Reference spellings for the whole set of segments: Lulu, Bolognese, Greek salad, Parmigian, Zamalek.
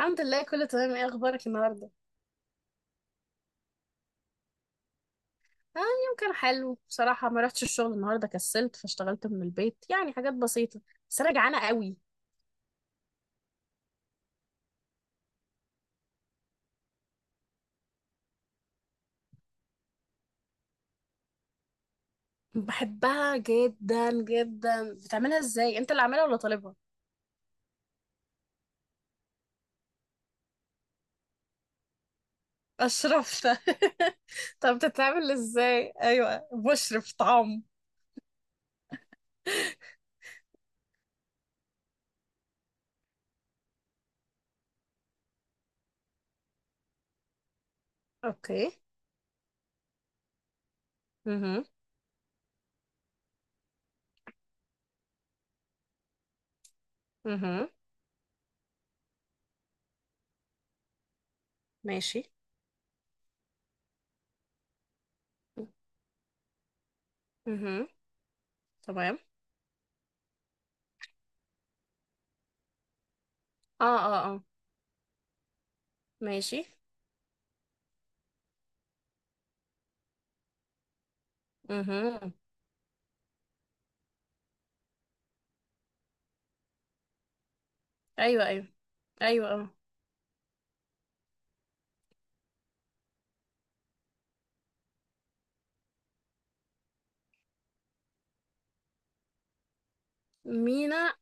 الحمد لله، كله تمام. ايه اخبارك النهارده؟ اه، اليوم كان حلو بصراحه. ما رحتش الشغل النهارده، كسلت فاشتغلت من البيت، يعني حاجات بسيطه. بس انا جعانه قوي. بحبها جدا جدا. بتعملها ازاي؟ انت اللي عاملها ولا طالبها؟ اشرفت. طب بتتعمل ازاي؟ ايوه، بشرف طعم. اوكي. اها. اها. ماشي. اها. تمام. اه اه اه. ماشي. اها. ايوه ايوه. ايوه اه. مينا،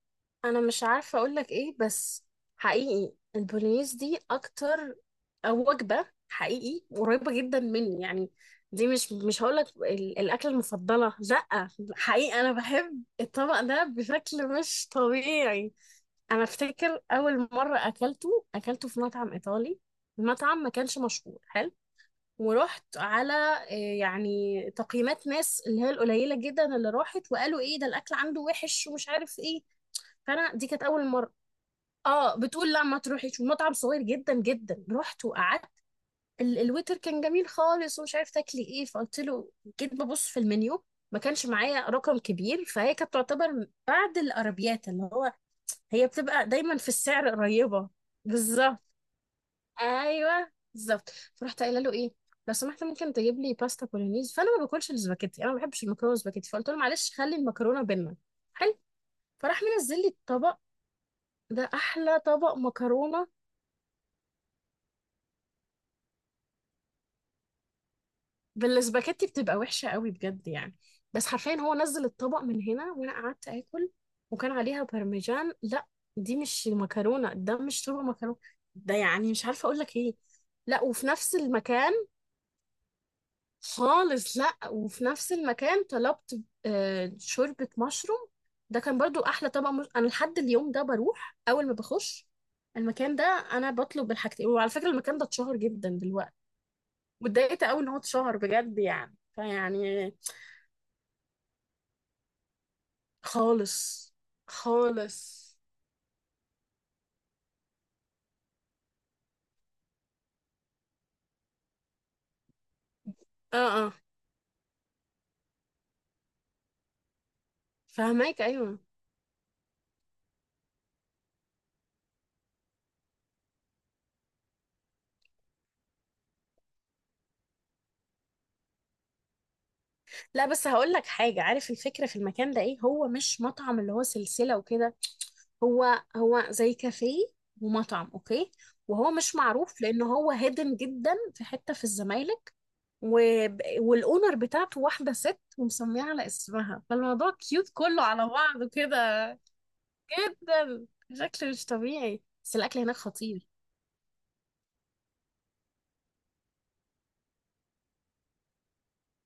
انا مش عارفه اقول لك ايه، بس حقيقي البولينيز دي اكتر. أو وجبه حقيقي قريبه جدا مني يعني. دي مش هقول لك الاكله المفضله، لا. حقيقي انا بحب الطبق ده بشكل مش طبيعي. انا افتكر اول مره اكلته في مطعم ايطالي. المطعم ما كانش مشهور، حلو. ورحت على يعني تقييمات ناس اللي هي القليله جدا اللي راحت وقالوا ايه ده، الاكل عنده وحش ومش عارف ايه. فانا دي كانت اول مره. اه، بتقول لا ما تروحيش. ومطعم صغير جدا جدا. رحت وقعدت. الويتر كان جميل خالص ومش عارف تاكلي ايه، فقلت له. جيت ببص في المنيو. ما كانش معايا رقم كبير، فهي كانت تعتبر بعد الارابيات اللي هو هي بتبقى دايما في السعر قريبه. بالظبط. ايوه بالظبط. فرحت قايله له ايه، لو سمحت ممكن تجيب لي باستا بولونيز؟ فانا ما باكلش السباكيتي، انا ما بحبش المكرونه والسباكيتي. فقلت له معلش، خلي المكرونه بينا. حلو. فراح منزل لي الطبق. ده احلى طبق مكرونه. بالسباكيتي بتبقى وحشة قوي بجد يعني. بس حرفيا هو نزل الطبق من هنا وانا قعدت اكل. وكان عليها بارميجان، لا. دي مش مكرونة، ده مش شوربة مكرونة. ده يعني مش عارفة اقول لك ايه. لا، وفي نفس المكان خالص. لا، وفي نفس المكان طلبت شوربة مشروم. ده كان برضو احلى طبق مش... انا لحد اليوم ده بروح اول ما بخش المكان ده. انا بطلب الحاجتين. وعلى فكرة المكان ده اتشهر جدا دلوقتي. واتضايقت قوي ان هو اتشهر بجد يعني فيعني. خالص. خالص. اه اه. فهماك، ايوه. لا بس هقول لك حاجه. عارف الفكره في المكان ده ايه؟ هو مش مطعم اللي هو سلسله وكده. هو هو زي كافيه ومطعم، اوكي. وهو مش معروف لان هو هيدن جدا في حته في الزمالك. و... والاونر بتاعته واحده ست ومسميه على اسمها، فالموضوع كيوت كله على بعضه كده. جدا. شكله مش طبيعي بس الاكل هناك خطير.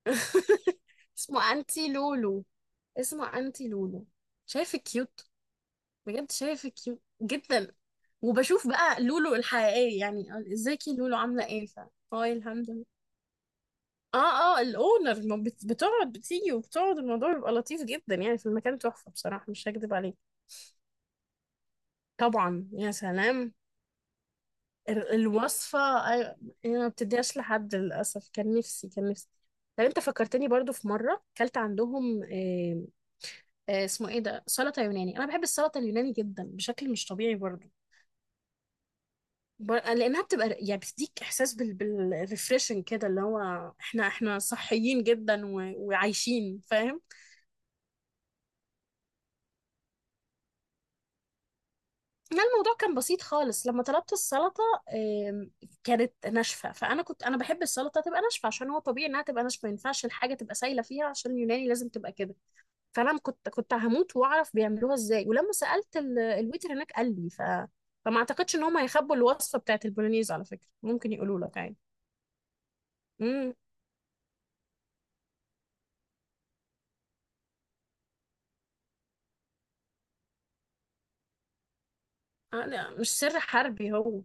اسمه انتي لولو. اسمه انتي لولو. شايف كيوت؟ بجد شايف كيوت جدا. وبشوف بقى لولو الحقيقية يعني. ازيكي لولو؟ عاملة ايه؟ ف، هاي الحمد لله. اه اه. الاونر ما بت- بتقعد. بتيجي وبتقعد. الموضوع بيبقى لطيف جدا يعني في المكان. تحفة بصراحة، مش هكدب عليك. طبعا يا سلام. الوصفة. أيوة. انا ما بتديهاش لحد، للأسف. كان نفسي، كان نفسي. طب انت فكرتني برضو في مرة كلت عندهم. اسمه ايه ده؟ سلطة يوناني. انا بحب السلطة اليوناني جدا بشكل مش طبيعي برضو. لانها بتبقى يعني بتديك احساس بالريفريشنج كده اللي هو احنا صحيين جدا وعايشين، فاهم. لا، الموضوع كان بسيط خالص لما طلبت السلطه. آم، كانت ناشفه. فانا كنت، انا بحب السلطه تبقى ناشفه، عشان هو طبيعي انها تبقى ناشفه. ما ينفعش الحاجه تبقى سايله فيها، عشان اليوناني لازم تبقى كده. فانا كنت هموت واعرف بيعملوها ازاي. ولما سالت الويتر هناك قال لي فما اعتقدش ان هم هيخبوا الوصفه بتاعت البولونيز. على فكره ممكن يقولوا لك عادي. امم. لا، مش سر حربي هو.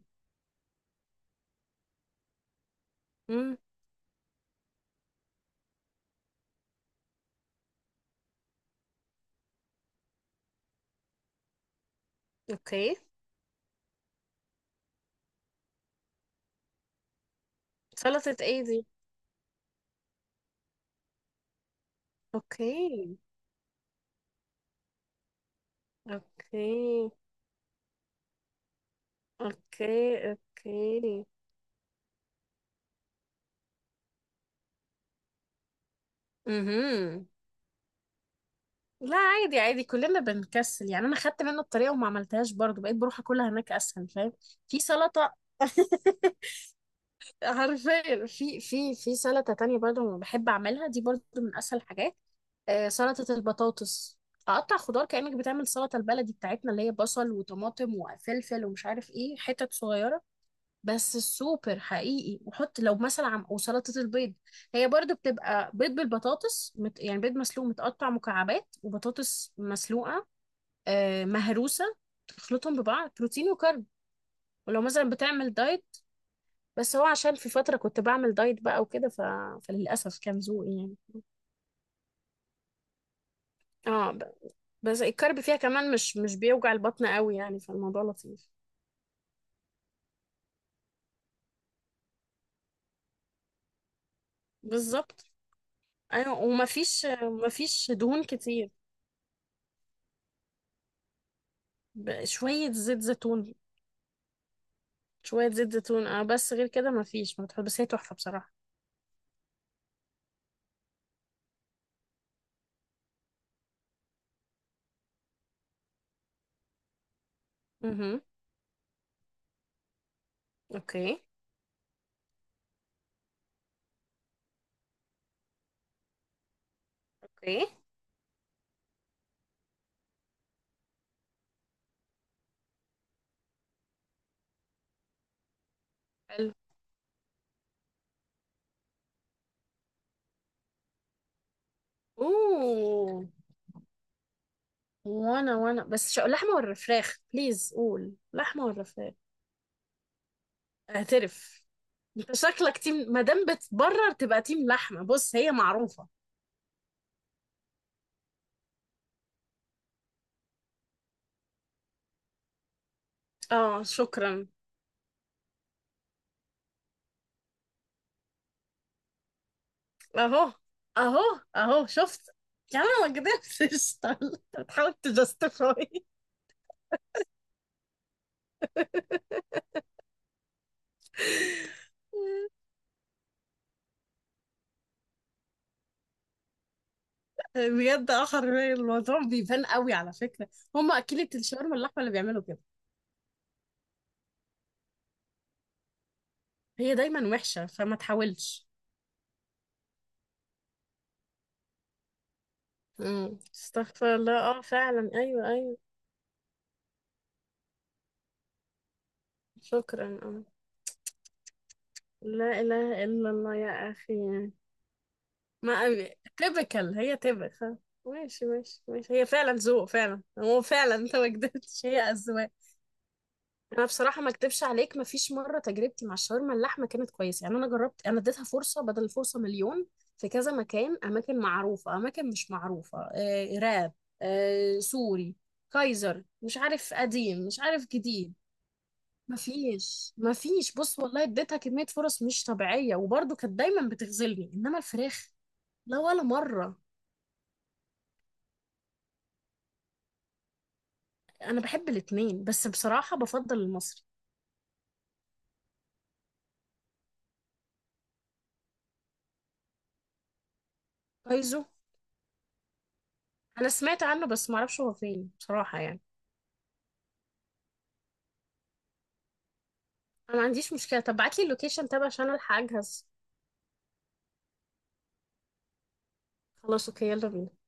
امم. اوكي. سلطة ايه دي؟ اوكي. اوكي. اوكي. اوكي. امم. لا عادي عادي، كلنا بنكسل يعني. انا خدت منه الطريقة وما عملتهاش برضو. بقيت بروح اكلها هناك اسهل، فاهم. في سلطة. حرفيا في سلطة تانية برضو بحب اعملها. دي برضو من اسهل الحاجات. آه، سلطة البطاطس. اقطع خضار كأنك بتعمل سلطة البلدي بتاعتنا اللي هي بصل وطماطم وفلفل ومش عارف ايه، حتت صغيرة. بس السوبر حقيقي. وحط لو مثلا عم وسلطة البيض. هي برضو بتبقى بيض بالبطاطس. يعني بيض مسلوق متقطع مكعبات وبطاطس مسلوقة. آه مهروسة. تخلطهم ببعض، بروتين وكارب. ولو مثلا بتعمل دايت. بس هو عشان في فترة كنت بعمل دايت بقى وكده فللأسف كان ذوقي يعني. اه بس الكارب فيها كمان مش بيوجع البطن قوي يعني، فالموضوع لطيف. بالظبط. ايوه. ومفيش دهون كتير. شوية زيت زيتون. شوية زيت زيتون، اه. بس غير كده مفيش، ما بتحط. بس هي تحفة بصراحة. امم. اوكي. اوكي. حلو. اوه. وانا بس لحمة ولا فراخ؟ بليز قول لحمة ولا فراخ. اعترف. انت شكلك تيم. ما دام بتبرر تبقى تيم لحمة. بص هي معروفة. اه شكرا. اهو. اهو. اهو شفت. يا عم أنا ما قدرتش. بتحاول تجستيفاي. بجد اه، حرفيا الموضوع بيبان قوي على فكره. هم اكيلة الشاورما اللحمه اللي بيعملوا كده. هي دايما وحشه، فما تحاولش. امم. استغفر الله. اه فعلا. ايوه ايوه. شكرا اه. لا اله الا الله يا اخي. ما تيبكال هي تيبكال. ماشي ماشي ماشي. هي فعلا ذوق فعلا. هو فعلا انت ما كدبتش. هي اذواق. انا بصراحه ما اكدبش عليك. ما فيش مره تجربتي مع الشاورما اللحمه كانت كويسه يعني. انا جربت، انا اديتها فرصه بدل الفرصه مليون، في كذا مكان، اماكن معروفه، اماكن مش معروفه. آه، راب. آه، سوري. كايزر. مش عارف قديم مش عارف جديد. ما فيش. بص والله اديتها كميه فرص مش طبيعيه، وبرضه كانت دايما بتخذلني. انما الفراخ، لا ولا مره. انا بحب الاتنين بس بصراحه بفضل المصري. كايزو. انا سمعت عنه بس ما اعرفش هو فين بصراحه يعني. انا ما عنديش مشكله. طب ابعت لي اللوكيشن تبع عشان الحق اجهز. خلاص اوكي، يلا بينا.